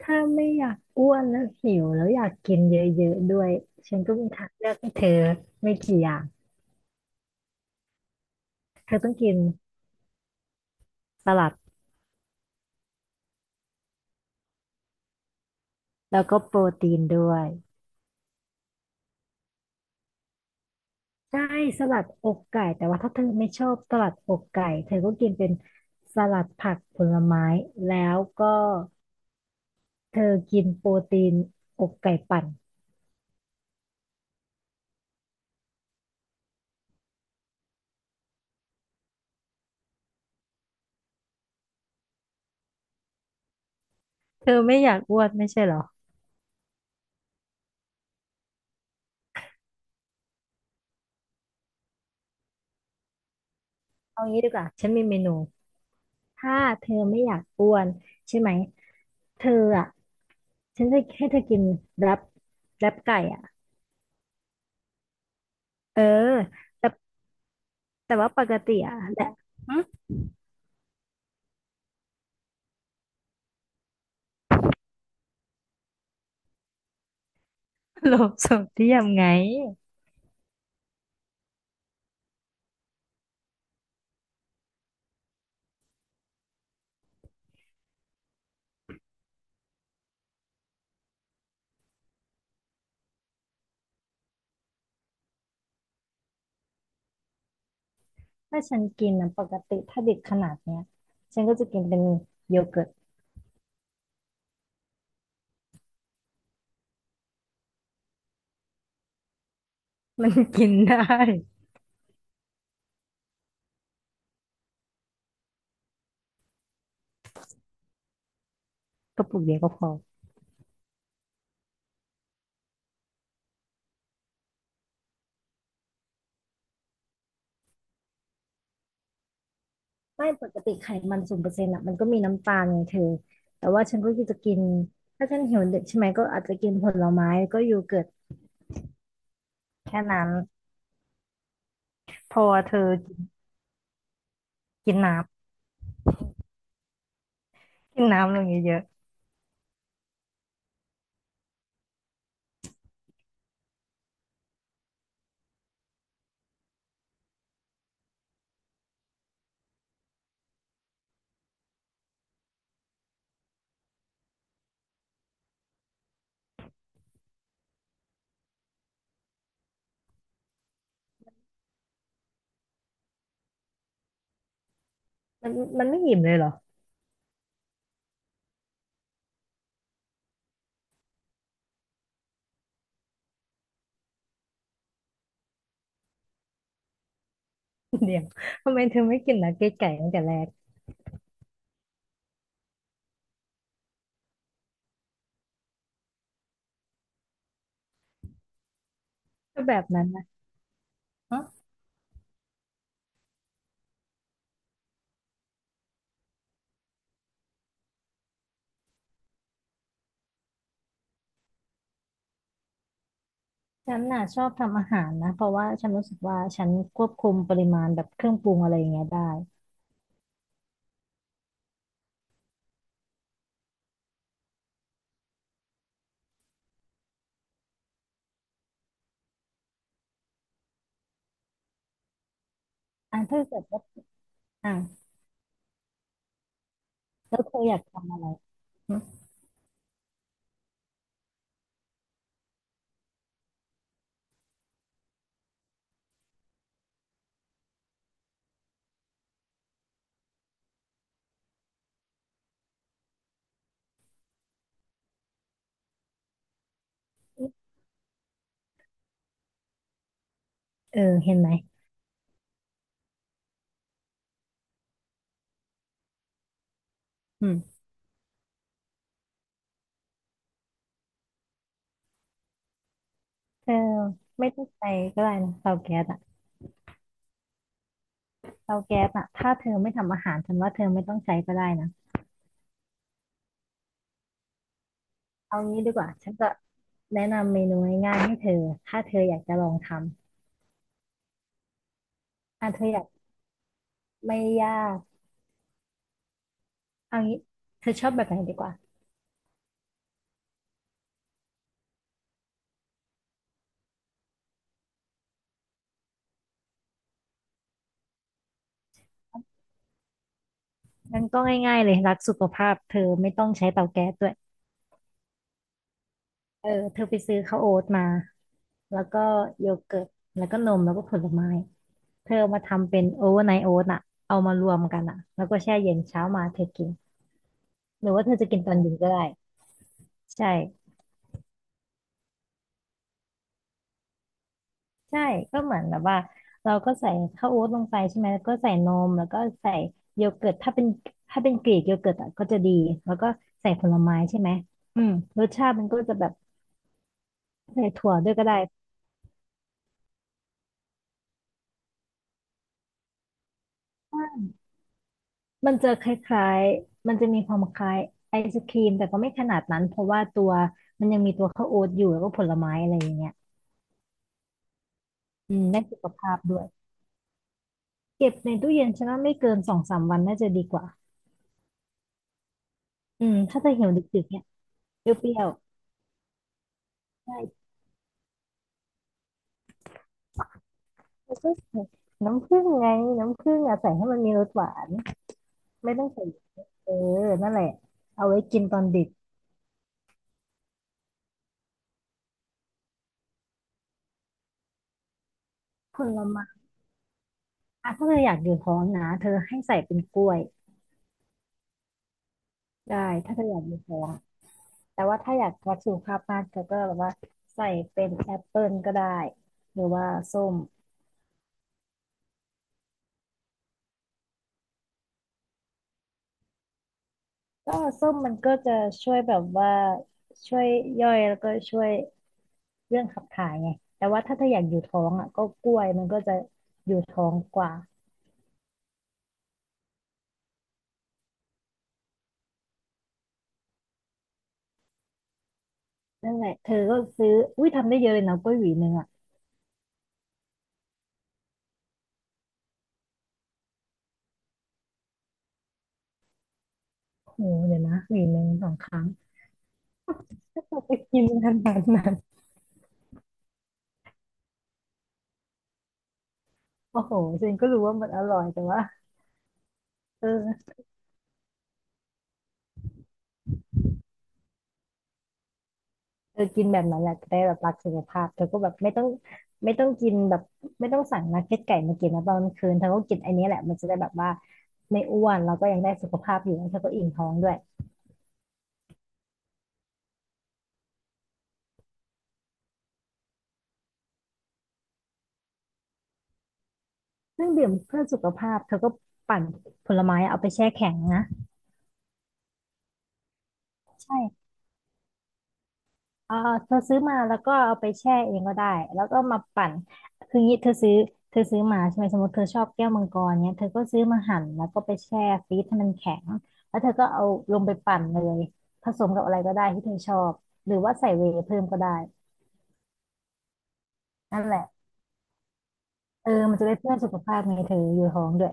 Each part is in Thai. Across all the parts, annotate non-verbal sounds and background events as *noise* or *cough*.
ถ้าไม่อยากอ้วนแล้วหิวแล้วอยากกินเยอะๆด้วยฉันก็มีทางเลือกให้เธอไม่กี่อย่างเธอต้องกินสลัดแล้วก็โปรตีนด้วยใช่สลัดอกไก่แต่ว่าถ้าเธอไม่ชอบสลัดอกไก่เธอก็กินเป็นสลัดผักผลไม้แล้วก็เธอกินโปรตีนอกไก่ปั่นเธอไม่อยากอ้วนไม่ใช่เหรอเอางี้ดีกว่าฉันมีเมนูถ้าเธอไม่อยากอ้วนใช่ไหมเธออ่ะ ฉันจะให้เธอกินแรปแรปไก่อ่ะเออแต่แต่ว่าปกติอ่ะแหละหึโลบสมเทียมไงถ้าฉันกินนะปกติถ้าเด็กขนาดเนี้ยฉันก็จะกินเป็นโยเกิร์ตมันกินได้กระปุกเดียวก็พอไม่ปกติไขมันศูนย์เปอร์เซ็นต์อ่ะมันก็มีน้ำตาลไงเธอแต่ว่าฉันก็จะกินถ้าฉันหิวเด็กใช่ไหมก็อาจจะกินผลไม้ก็โยเกิร์ตแค่นั้นพอเธอกินน้ำกินน้ำลงเยอะๆมันไม่อิ่มเลยเหรอ เดี๋ยวทำไมเธอไม่กินนักเก็ตไก่ตั้งแต่แรกก็แบบนั้นนะฮะฉันน่ะชอบทำอาหารนะเพราะว่าฉันรู้สึกว่าฉันควบคุมปริมาณแบบเครื่องปรุงอะไรอย่างเงี้ยได้อ่ะถ้าเกิดว่าอ่ะแล้วเธออยากทำอะไรหึเออเห็นไหมอืมเธอไม่ต้องใช้ก็ได้นะเตาแก๊สอะเตาแก๊สอะถ้าเธอไม่ทำอาหารฉันว่าเธอไม่ต้องใช้ก็ได้นะเอางี้ดีกว่าฉันจะแนะนำเมนูง่ายๆให้เธอถ้าเธออยากจะลองทำอ่ะเธออยากไม่ยากเอางี้เธอชอบแบบไหนดีกว่า งั้นก็ง่ายๆเลยรักสุขภาพเธอไม่ต้องใช้เตาแก๊สด้วยเออเธอไปซื้อข้าวโอ๊ตมาแล้วก็โยเกิร์ตแล้วก็นมแล้วก็ผลไม้เธอเอามาทำเป็นโอเวอร์ไนท์โอ๊ตอะเอามารวมกันอะแล้วก็แช่เย็นเช้ามาเธอกินหรือว่าเธอจะกินตอนเย็นก็ได้ใช่ใช่ก็เหมือนแบบว่าเราก็ใส่ข้าวโอ๊ตลงไปใช่ไหมแล้วก็ใส่นมแล้วก็ใส่โยเกิร์ตถ้าเป็นกรีกโยเกิร์ตอะก็จะดีแล้วก็ใส่ผลไม้ใช่ไหมอืมรสชาติมันก็จะแบบใส่ถั่วด้วยก็ได้ใช่ มันจะคล้ายๆ มันจะมีความคล้ายไอศครีมแต่ก็ไม่ขนาดนั้นเพราะว่าตัวมันยังมีตัวข้าวโอ๊ตอยู่แล้วก็ผลไม้อะไรอย่างเงี้ยอืมได้สุขภาพด้วย เก็บในตู้เย็นฉันว่าไม่เกินสองสามวันน่าจะดีกว่าอืมถ้าจะเหี่ยวดึกๆเนี่ยเปรี้ยวๆใช่แล้วก็ใส่น้ำผึ้งไง น้ำผึ้งอะใส่ให้มันมีรสหวาน ไม่ต้องใส่เออนั่นแหละเอาไว้กินตอนดึกผลไม้อะถ้าเธออยากอยู่ท้องนะเธอให้ใส่เป็นกล้วยได้ถ้าเธออยากอยู่ท้อง แต่ว่าถ้าอยากวัดสุขภาพมากเธอก็แบบว่าใส่เป็นแอปเปิลก็ได้หรือว่าส้มก็ส้มมันก็จะช่วยแบบว่าช่วยย่อยแล้วก็ช่วยเรื่องขับถ่ายไงแต่ว่าถ้าเธออยากอยู่ท้องอ่ะก็กล้วยมันก็จะอยู่ท้องกว่านั่นแหละเธอก็ซื้ออุ้ยทำได้เยอะเลยนะกล้วยหวีหนึ่งอ่ะโอ้โหเดี๋ยวนะหวีหนึ่งสองครั้ง *laughs* ไปกินขนาดนั้นโอ้โหฉันก็รู้ว่ามันอร่อยแต่ว่าเออ เออกินแบบนั้นแหละจะได้แบบรักสุขภาพเธอก็แบบไม่ต้องไม่ต้องกินแบบไม่ต้องสั่งนักเก็ตไก่มากินนะตอนกลางคืนเธอก็กินไอันนี้แหละมันจะได้แบบว่าไม่อ้วนแล้วก็ยังได้สุขภาพอยู่แล้วเธอก็อิ่มท้องด้วยเครื่องดื่มเพื่อสุขภาพเธอก็ปั่นผลไม้เอาไปแช่แข็งนะใช่ อ่าเธอซื้อมาแล้วก็เอาไปแช่เองก็ได้แล้วก็มาปั่นคืองี้เธอซื้อเธอซื้อมาใช่ไหมสมมติเธอชอบแก้วมังกรเนี้ยเธอก็ซื้อมาหั่นแล้วก็ไปแช่ฟรีซให้มันแข็งแล้วเธอก็เอาลงไปปั่นเลยผสมกับอะไรก็ได้ที่เธอชอบหรือว่าใส่เวย์เพิ่มก็ได้นั่นแหละเออมันจะได้เพื่อนสุขภาพไงเธออยู่ท้องด้วย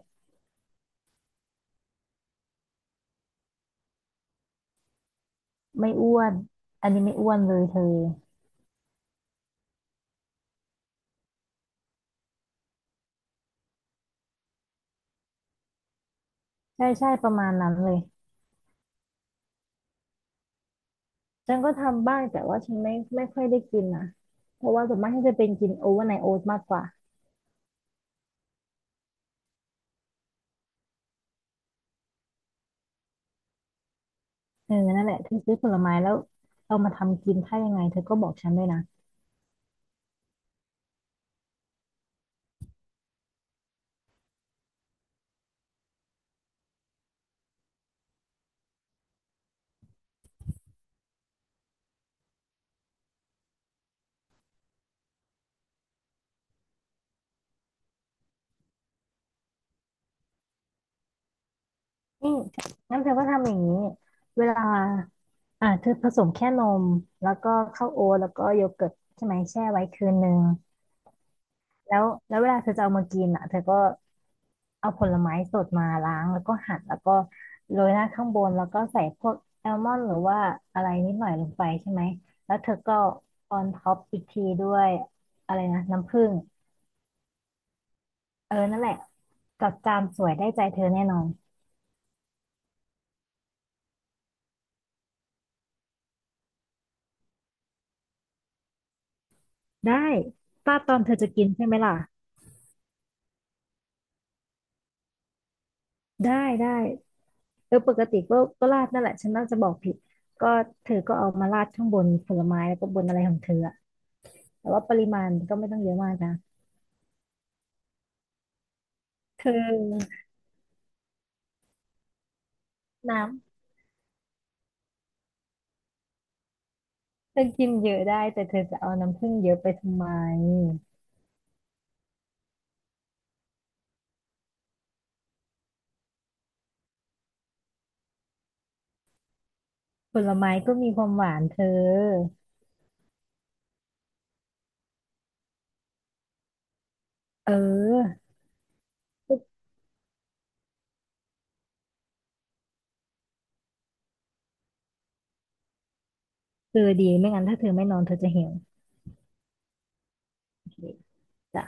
ไม่อ้วนอันนี้ไม่อ้วนเลยเธอใช่ใช่ประมาณนั้นเลยฉันก็ทำบ้างแต่ว่าฉันไม่ค่อยได้กินนะเพราะว่าส่วนมากฉันจะเป็นกินโอเวอร์ไนท์โอ๊ตมากกว่า เออนั่นแหละเธอซื้อผลไม้แล้วเอามาทำกินถ้ายังไงเธอก็บอกฉันด้วยนะนี่งั้นเธอก็ทำอย่างนี้เวลาอ่าเธอผสมแค่นมแล้วก็ข้าวโอ๊ตแล้วก็โยเกิร์ตใช่ไหมแช่ไว้คืนนึงแล้วเวลาเธอจะเอามากินอ่ะเธอก็เอาผลไม้สดมาล้างแล้วก็หั่นแล้วก็โรยหน้าข้างบนแล้วก็ใส่พวกแอลมอนด์หรือว่าอะไรนิดหน่อยลงไปใช่ไหมแล้วเธอก็ออนท็อปอีกทีด้วยอะไรนะน้ำผึ้งเออนั่นแหละกับจามสวยได้ใจเธอแน่นอน ได้ป้าดตอนเธอจะกินใช่ไหมล่ะได้ได้เออปกติก็ราดนั่นแหละฉันน่าจะบอกผิดก็เธอก็เอามาราดข้างบนผลไม้แล้วก็บนอะไรของเธออะแต่ว่าปริมาณก็ไม่ต้องเยอะมากนะเธอน้ำเธอกินเยอะได้แต่เธอจะเอาน้ำผึ้งเยอะไปทำไมผลไม้ก็มีความหวานเธอเออเธอดีไม่งั้นถ้าเธอไม่นอนเธอจะหิวโอเคจ้ะ